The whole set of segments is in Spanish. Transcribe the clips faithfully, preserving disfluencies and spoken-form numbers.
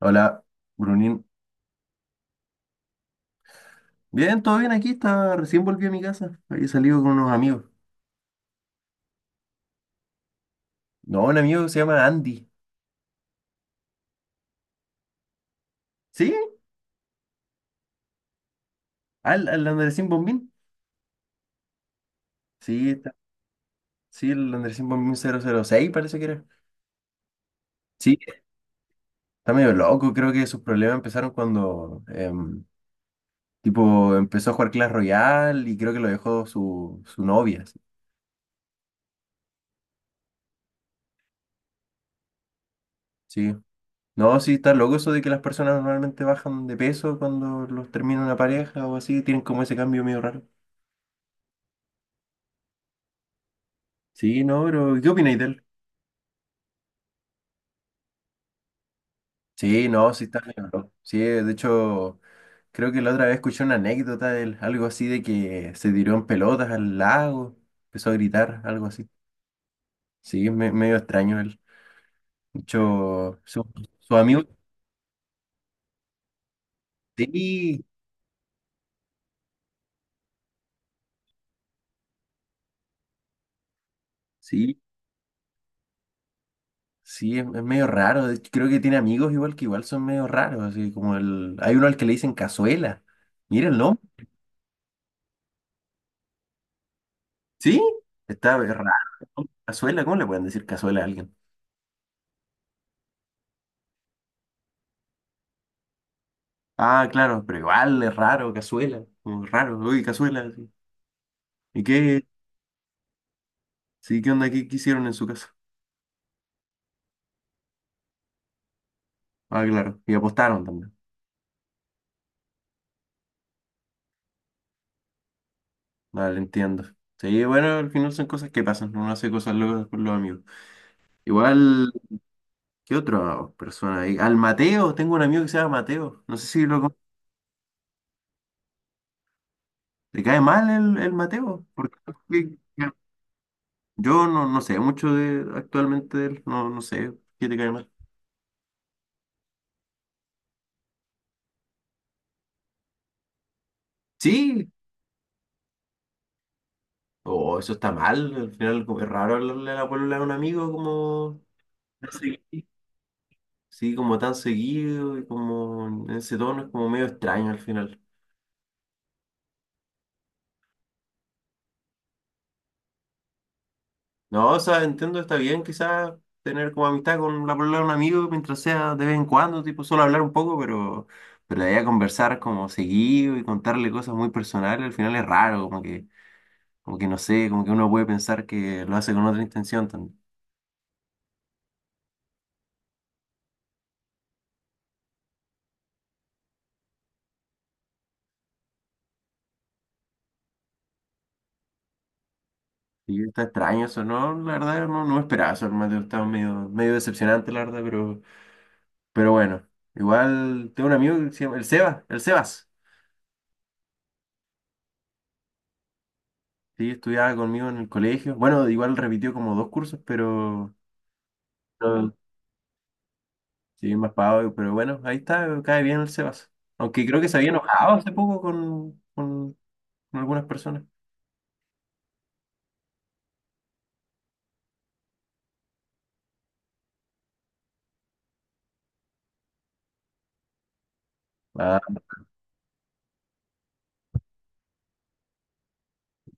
Hola, Brunín. Bien, todo bien aquí, está, recién volví a mi casa. Había salido con unos amigos. No, un amigo que se llama Andy. ¿Sí? ¿Al, al Andresín Bombín? Sí, está. Sí, el Andresín Bombín cero cero seis, parece que era. Sí, está medio loco. Creo que sus problemas empezaron cuando, em, tipo, empezó a jugar Clash Royale y creo que lo dejó su, su novia. Sí. Sí. No, sí, está loco eso de que las personas normalmente bajan de peso cuando los termina una pareja o así. Tienen como ese cambio medio raro. Sí, no, pero ¿qué opináis de él? Sí, no, sí está medio loco. Sí, de hecho, creo que la otra vez escuché una anécdota de él, algo así de que se tiró en pelotas al lago, empezó a gritar, algo así. Sí, es me- medio extraño él. De hecho, su, su amigo, sí, sí, sí, es, es medio raro. De hecho, creo que tiene amigos igual que igual son medio raros, así como el, hay uno al que le dicen cazuela. Mira el nombre, sí, está raro. Cazuela, ¿cómo le pueden decir cazuela a alguien? Ah, claro, pero igual es raro, cazuela, como raro, uy, cazuela, sí. ¿Y qué? Sí, ¿qué onda? ¿Qué, qué hicieron en su casa? Ah, claro, y apostaron también. Vale, entiendo. Sí, bueno, al final son cosas que pasan, uno hace cosas locas con los amigos. Igual, ¿qué otra persona ahí? Al Mateo, tengo un amigo que se llama Mateo, no sé si lo con- ¿Le cae mal el, el Mateo? Porque yo no, no sé mucho de actualmente de él, no, no sé qué te cae mal. Sí, oh, eso está mal. Al final como es raro hablarle a la polola a un amigo como tan seguido. Sí, como tan seguido y como en ese tono es como medio extraño al final. No, o sea, entiendo, está bien quizás tener como amistad con la polola de un amigo mientras sea de vez en cuando, tipo solo hablar un poco, pero, pero de ahí a conversar como seguido y contarle cosas muy personales, al final es raro, como que, como que no sé, como que uno puede pensar que lo hace con otra intención. Sí, está extraño eso, ¿no? La verdad, no, no me esperaba eso, hermano. Estaba medio, medio decepcionante, la verdad, pero, pero bueno. Igual tengo un amigo que se llama el Seba, el Sebas. Sí, estudiaba conmigo en el colegio. Bueno, igual repitió como dos cursos, pero no, sí, más pavo, pero bueno, ahí está, cae bien el Sebas. Aunque creo que se había enojado hace poco con, con, con algunas personas. Ah,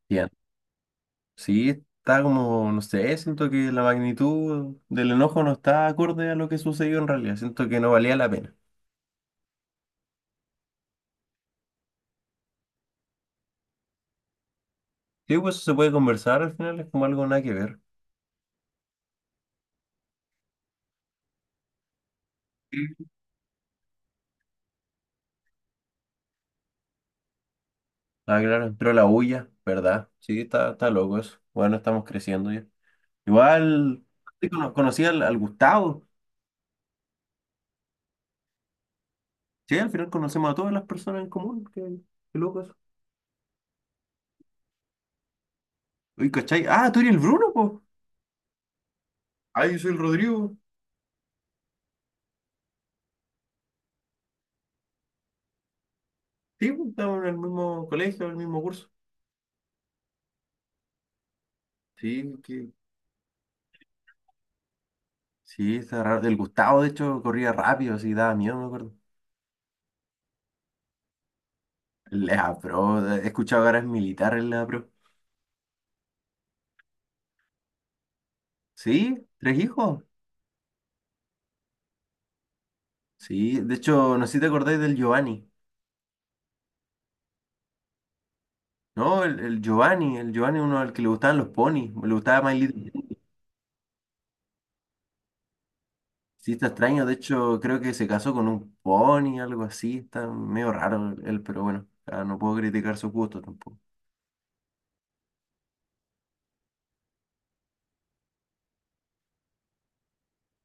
bien. Sí, está como, no sé, siento que la magnitud del enojo no está acorde a lo que sucedió en realidad. Siento que no valía la pena. Sí, pues se puede conversar al final, es como algo nada que ver. Ah, claro, pero la huya, ¿verdad? Sí, está, está loco eso. Bueno, estamos creciendo ya. Igual, sí, cono- conocí al, al Gustavo. Sí, al final conocemos a todas las personas en común. Qué, qué loco eso. Uy, ¿cachai? Ah, tú eres el Bruno, pues. Ah, yo soy el Rodrigo. Sí, pues, estamos en el mismo colegio, en el mismo curso. Sí, que... sí, está raro. El Gustavo, de hecho, corría rápido, así daba miedo, me acuerdo. La pro, he escuchado que ahora es militar en la pro. Sí, tres hijos. Sí, de hecho, no sé si te acordáis del Giovanni, ¿no? El, el Giovanni, el Giovanni uno al que le gustaban los ponis, le gustaba My Little Pony. Sí, está extraño, de hecho, creo que se casó con un pony, algo así, está medio raro él, pero bueno, ah, no puedo criticar su gusto tampoco.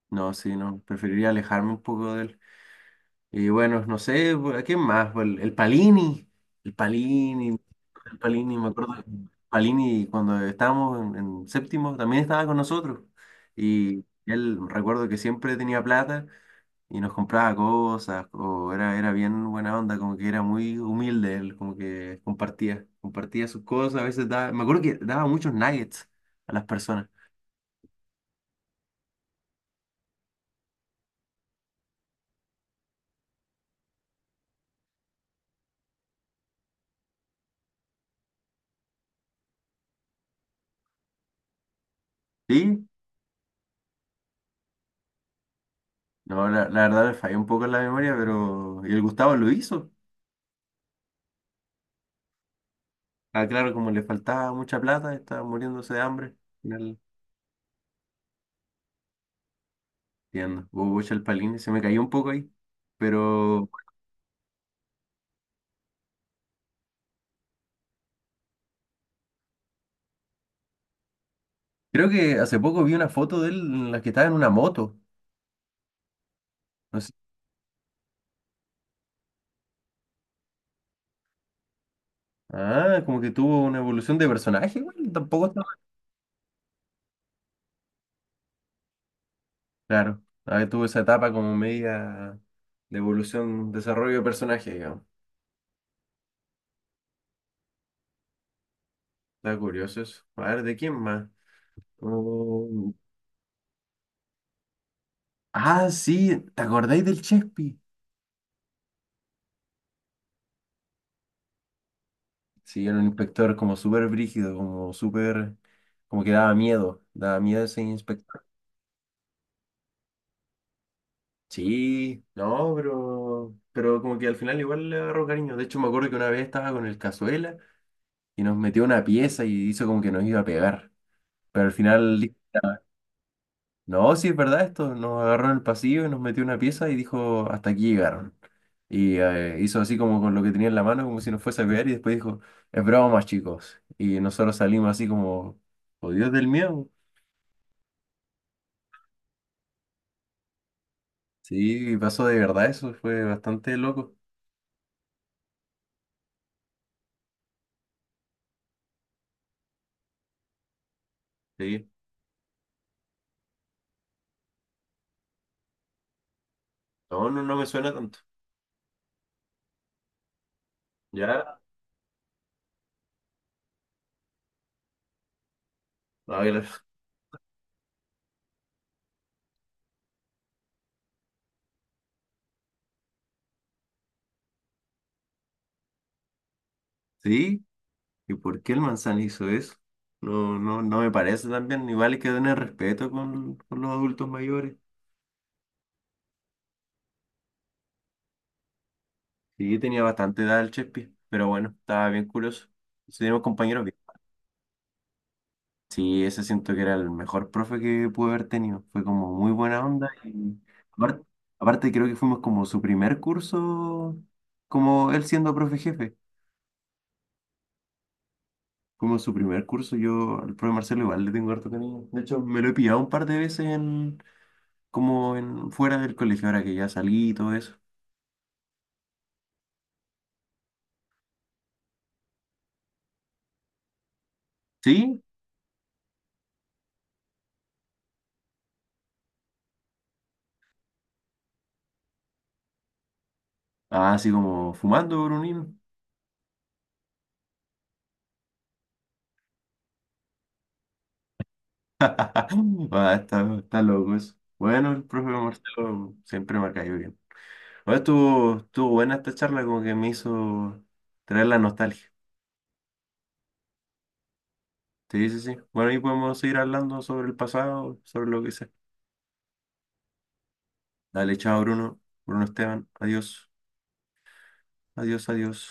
No, sí, no, preferiría alejarme un poco de él. Y bueno, no sé, pues, ¿a quién más? Pues, El, el Palini, el Palini, el Palini, me acuerdo, que Palini cuando estábamos en en séptimo también estaba con nosotros y él recuerdo que siempre tenía plata. Y nos compraba cosas, o era, era bien buena onda, como que era muy humilde él, como que compartía, compartía sus cosas, a veces daba, me acuerdo que daba muchos nuggets a las personas. Sí, no, la, la verdad le falló un poco en la memoria, pero y el Gustavo lo hizo. Ah, claro, como le faltaba mucha plata, estaba muriéndose de hambre. Al final, entiendo, hubo el palín, se me cayó un poco ahí, pero creo que hace poco vi una foto de él en la que estaba en una moto. No sé. Ah, como que tuvo una evolución de personaje, güey, tampoco está. Claro, ahí tuvo esa etapa como media de evolución, desarrollo de personaje, digamos. Está curioso eso. A ver, ¿de quién más? Mm, ah, sí, ¿te acordáis del Chespi? Sí, era un inspector como súper brígido, como súper, como que daba miedo, daba miedo ese inspector. Sí, no, pero, pero como que al final igual le agarró cariño. De hecho, me acuerdo que una vez estaba con el Cazuela y nos metió una pieza y hizo como que nos iba a pegar. Pero al final. No, sí es verdad esto. Nos agarró en el pasillo y nos metió en una pieza y dijo, hasta aquí llegaron. Y eh, hizo así como con lo que tenía en la mano, como si nos fuese a pegar, y después dijo, es broma, chicos. Y nosotros salimos así como, oh Dios del miedo. Sí, pasó de verdad eso, fue bastante loco. Sí. No, no, no me suena tanto. Ya, a ver. Sí, ¿y por qué el manzana hizo eso? No, no, no me parece tan bien. Igual hay que tener respeto con, con, los adultos mayores. Sí, tenía bastante edad el Chespi, pero bueno, estaba bien curioso. Sí, teníamos compañeros bien. Sí, ese siento que era el mejor profe que pude haber tenido. Fue como muy buena onda y aparte, aparte creo que fuimos como su primer curso, como él siendo profe jefe. Fuimos su primer curso, yo al profe Marcelo igual le tengo harto cariño. De hecho, me lo he pillado un par de veces en, como en, fuera del colegio, ahora que ya salí y todo eso. ¿Sí? Ah, así como fumando, Brunín. Ah, está, está loco eso. Bueno, el profe Marcelo siempre me ha caído bien. Bueno, estuvo, estuvo buena esta charla, como que me hizo traer la nostalgia. Sí, sí, sí. Bueno, ahí podemos seguir hablando sobre el pasado, sobre lo que sea. Dale, chao, Bruno. Bruno Esteban. Adiós, adiós, adiós.